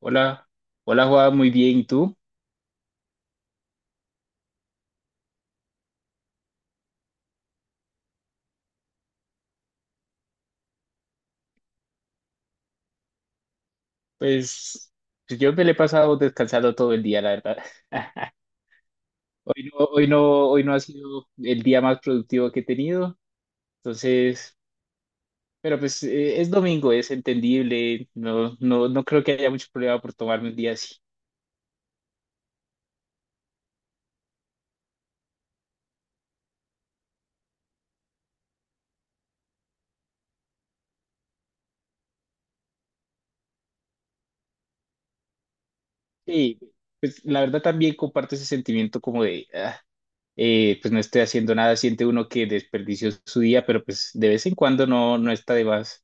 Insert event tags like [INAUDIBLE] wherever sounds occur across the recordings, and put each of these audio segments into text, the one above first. Hola, hola Juan, muy bien. ¿Y tú? Pues, pues yo me le he pasado descansando todo el día, la verdad. [LAUGHS] Hoy no, hoy no, hoy no ha sido el día más productivo que he tenido. Entonces, pero pues es domingo, es entendible. No, no, no creo que haya mucho problema por tomarme un día así. Sí, pues la verdad también comparto ese sentimiento como de pues no estoy haciendo nada. Siente uno que desperdició su día, pero pues de vez en cuando no, no está de más.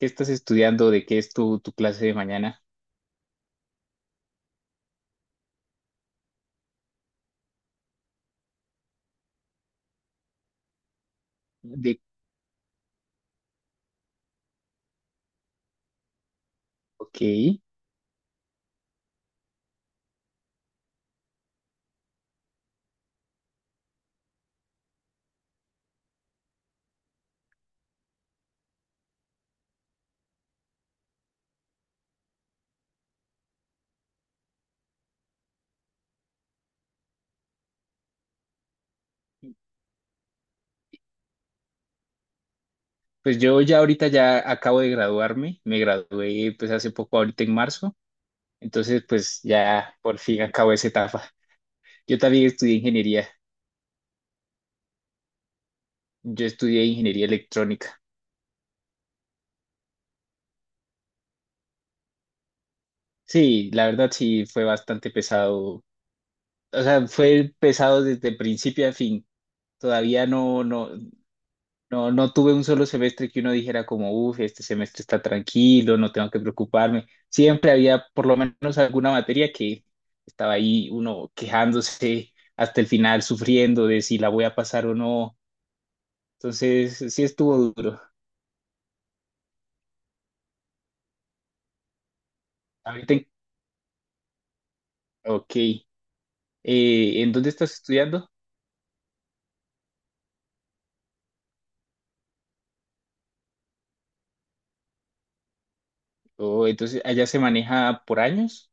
¿Qué estás estudiando? ¿De qué es tu clase de mañana? Ok, pues yo ya ahorita ya acabo de graduarme, me gradué pues hace poco, ahorita en marzo, entonces pues ya por fin acabo esa etapa. Yo también estudié ingeniería, yo estudié ingeniería electrónica. Sí, la verdad sí fue bastante pesado, o sea, fue pesado desde principio a fin. Todavía no, no. No, no tuve un solo semestre que uno dijera como, uff, este semestre está tranquilo, no tengo que preocuparme. Siempre había por lo menos alguna materia que estaba ahí uno quejándose hasta el final, sufriendo de si la voy a pasar o no. Entonces, sí estuvo duro. Ahorita, en- ok, ¿en dónde estás estudiando? Oh, entonces, allá se maneja por años.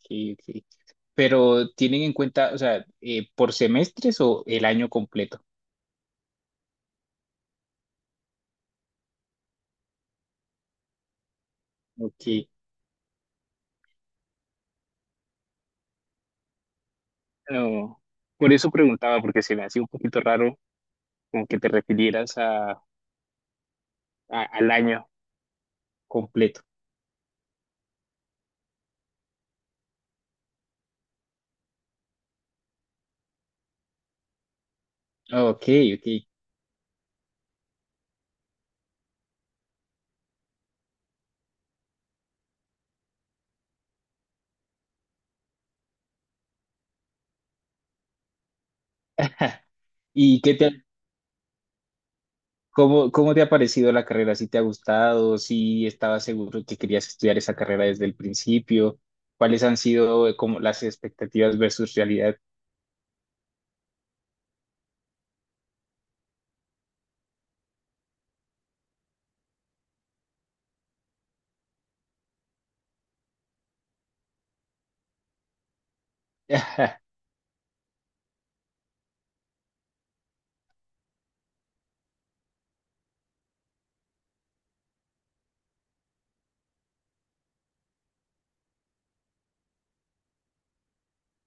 Ok, ok. Pero tienen en cuenta, o sea, por semestres o el año completo. Ok. No, por eso preguntaba, porque se me hacía un poquito raro como que te refirieras a- al año completo. Ok, ok. [LAUGHS] ¿Y qué te, ha- cómo, cómo te ha parecido la carrera? ¿Si te ha gustado? ¿Si estabas seguro que querías estudiar esa carrera desde el principio? ¿Cuáles han sido como las expectativas versus realidad? [LAUGHS]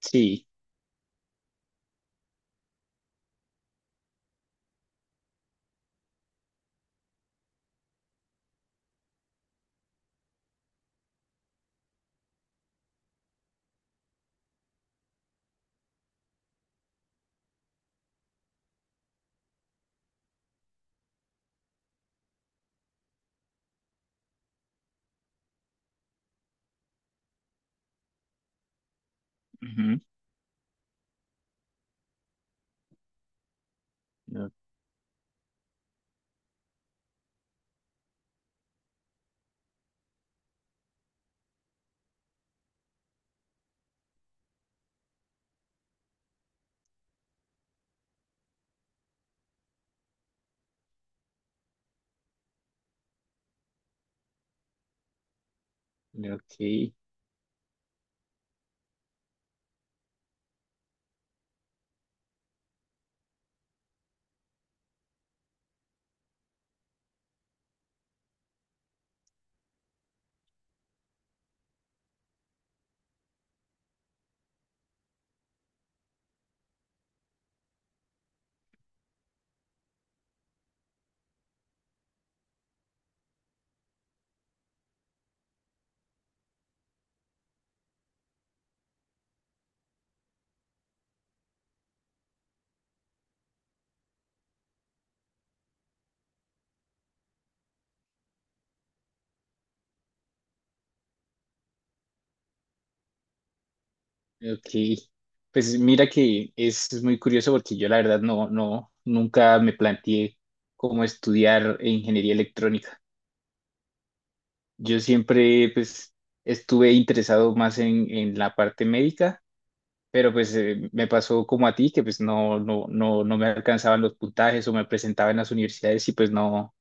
Sí. Ujú. No. Ok. Ok. Pues mira que es muy curioso porque yo la verdad no, no, nunca me planteé cómo estudiar ingeniería electrónica. Yo siempre pues estuve interesado más en la parte médica, pero pues me pasó como a ti que pues no, no, no, no me alcanzaban los puntajes o me presentaba en las universidades y pues no,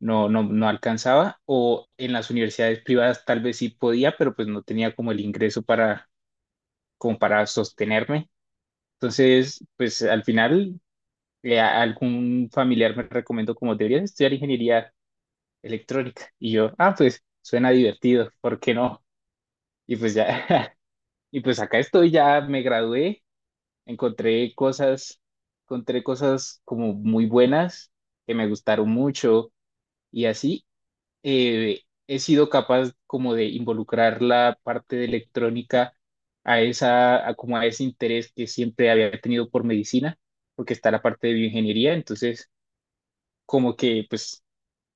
no, no, no alcanzaba o en las universidades privadas tal vez sí podía, pero pues no tenía como el ingreso para, como para sostenerme. Entonces, pues al final, a- algún familiar me recomendó como deberías estudiar ingeniería electrónica. Y yo, ah, pues suena divertido, ¿por qué no? Y pues ya, [LAUGHS] y pues acá estoy, ya me gradué, encontré cosas, encontré cosas como muy buenas que me gustaron mucho y así he sido capaz como de involucrar la parte de electrónica a esa, a como a ese interés que siempre había tenido por medicina, porque está la parte de bioingeniería, entonces como que pues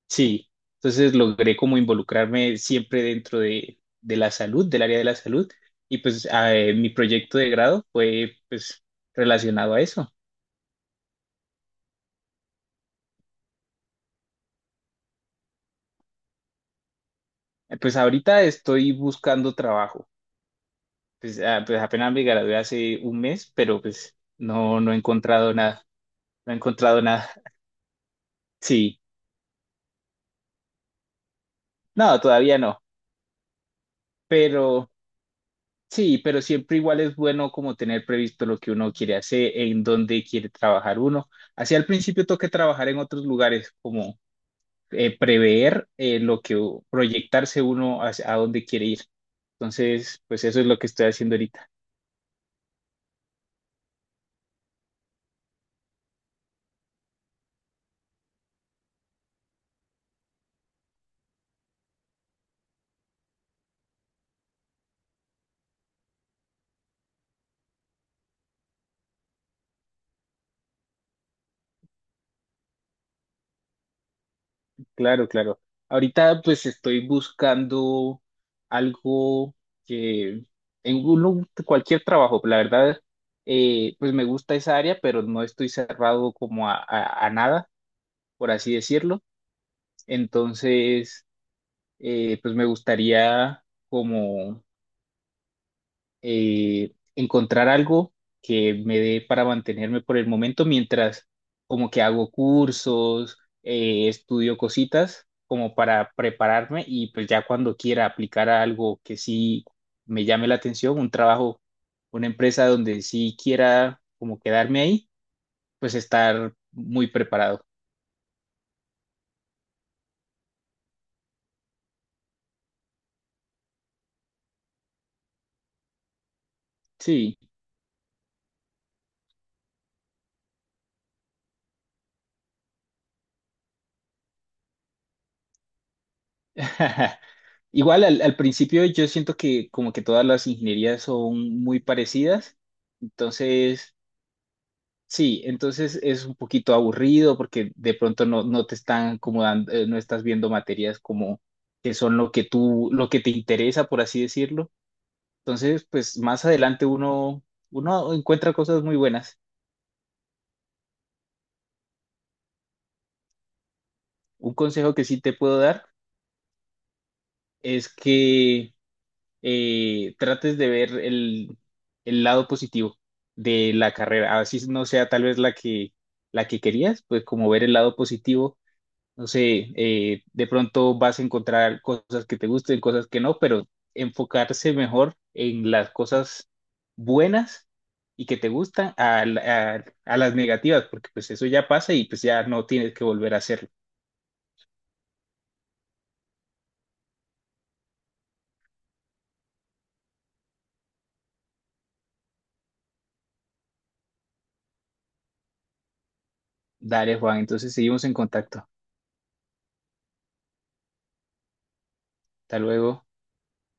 sí, entonces logré como involucrarme siempre dentro de la salud, del área de la salud, y pues mi proyecto de grado fue pues relacionado a eso. Pues ahorita estoy buscando trabajo. Pues, ah, pues apenas me gradué hace un mes, pero pues no, no he encontrado nada, no he encontrado nada. Sí, no, todavía no, pero sí, pero siempre igual es bueno como tener previsto lo que uno quiere hacer, en dónde quiere trabajar uno. Así al principio toca trabajar en otros lugares, como prever lo que, proyectarse uno hacia- a dónde quiere ir. Entonces, pues eso es lo que estoy haciendo ahorita. Claro, claro. Ahorita pues estoy buscando algo que en uno- cualquier trabajo, la verdad, pues me gusta esa área, pero no estoy cerrado como a nada, por así decirlo. Entonces, pues me gustaría como encontrar algo que me dé para mantenerme por el momento mientras como que hago cursos, estudio cositas como para prepararme y pues ya cuando quiera aplicar a algo que sí me llame la atención, un trabajo, una empresa donde sí quiera como quedarme ahí, pues estar muy preparado. Sí. [LAUGHS] Igual al principio yo siento que como que todas las ingenierías son muy parecidas, entonces sí, entonces es un poquito aburrido porque de pronto no, no te están como dando, no estás viendo materias como que son lo que tú, lo que te interesa, por así decirlo. Entonces, pues más adelante uno, uno encuentra cosas muy buenas. Un consejo que sí te puedo dar es que trates de ver el lado positivo de la carrera. Así no sea tal vez la que querías, pues como ver el lado positivo no sé, de pronto vas a encontrar cosas que te gusten, cosas que no, pero enfocarse mejor en las cosas buenas y que te gustan a, la- a las negativas, porque pues eso ya pasa y pues ya no tienes que volver a hacerlo. Dale, Juan, entonces seguimos en contacto. Hasta luego.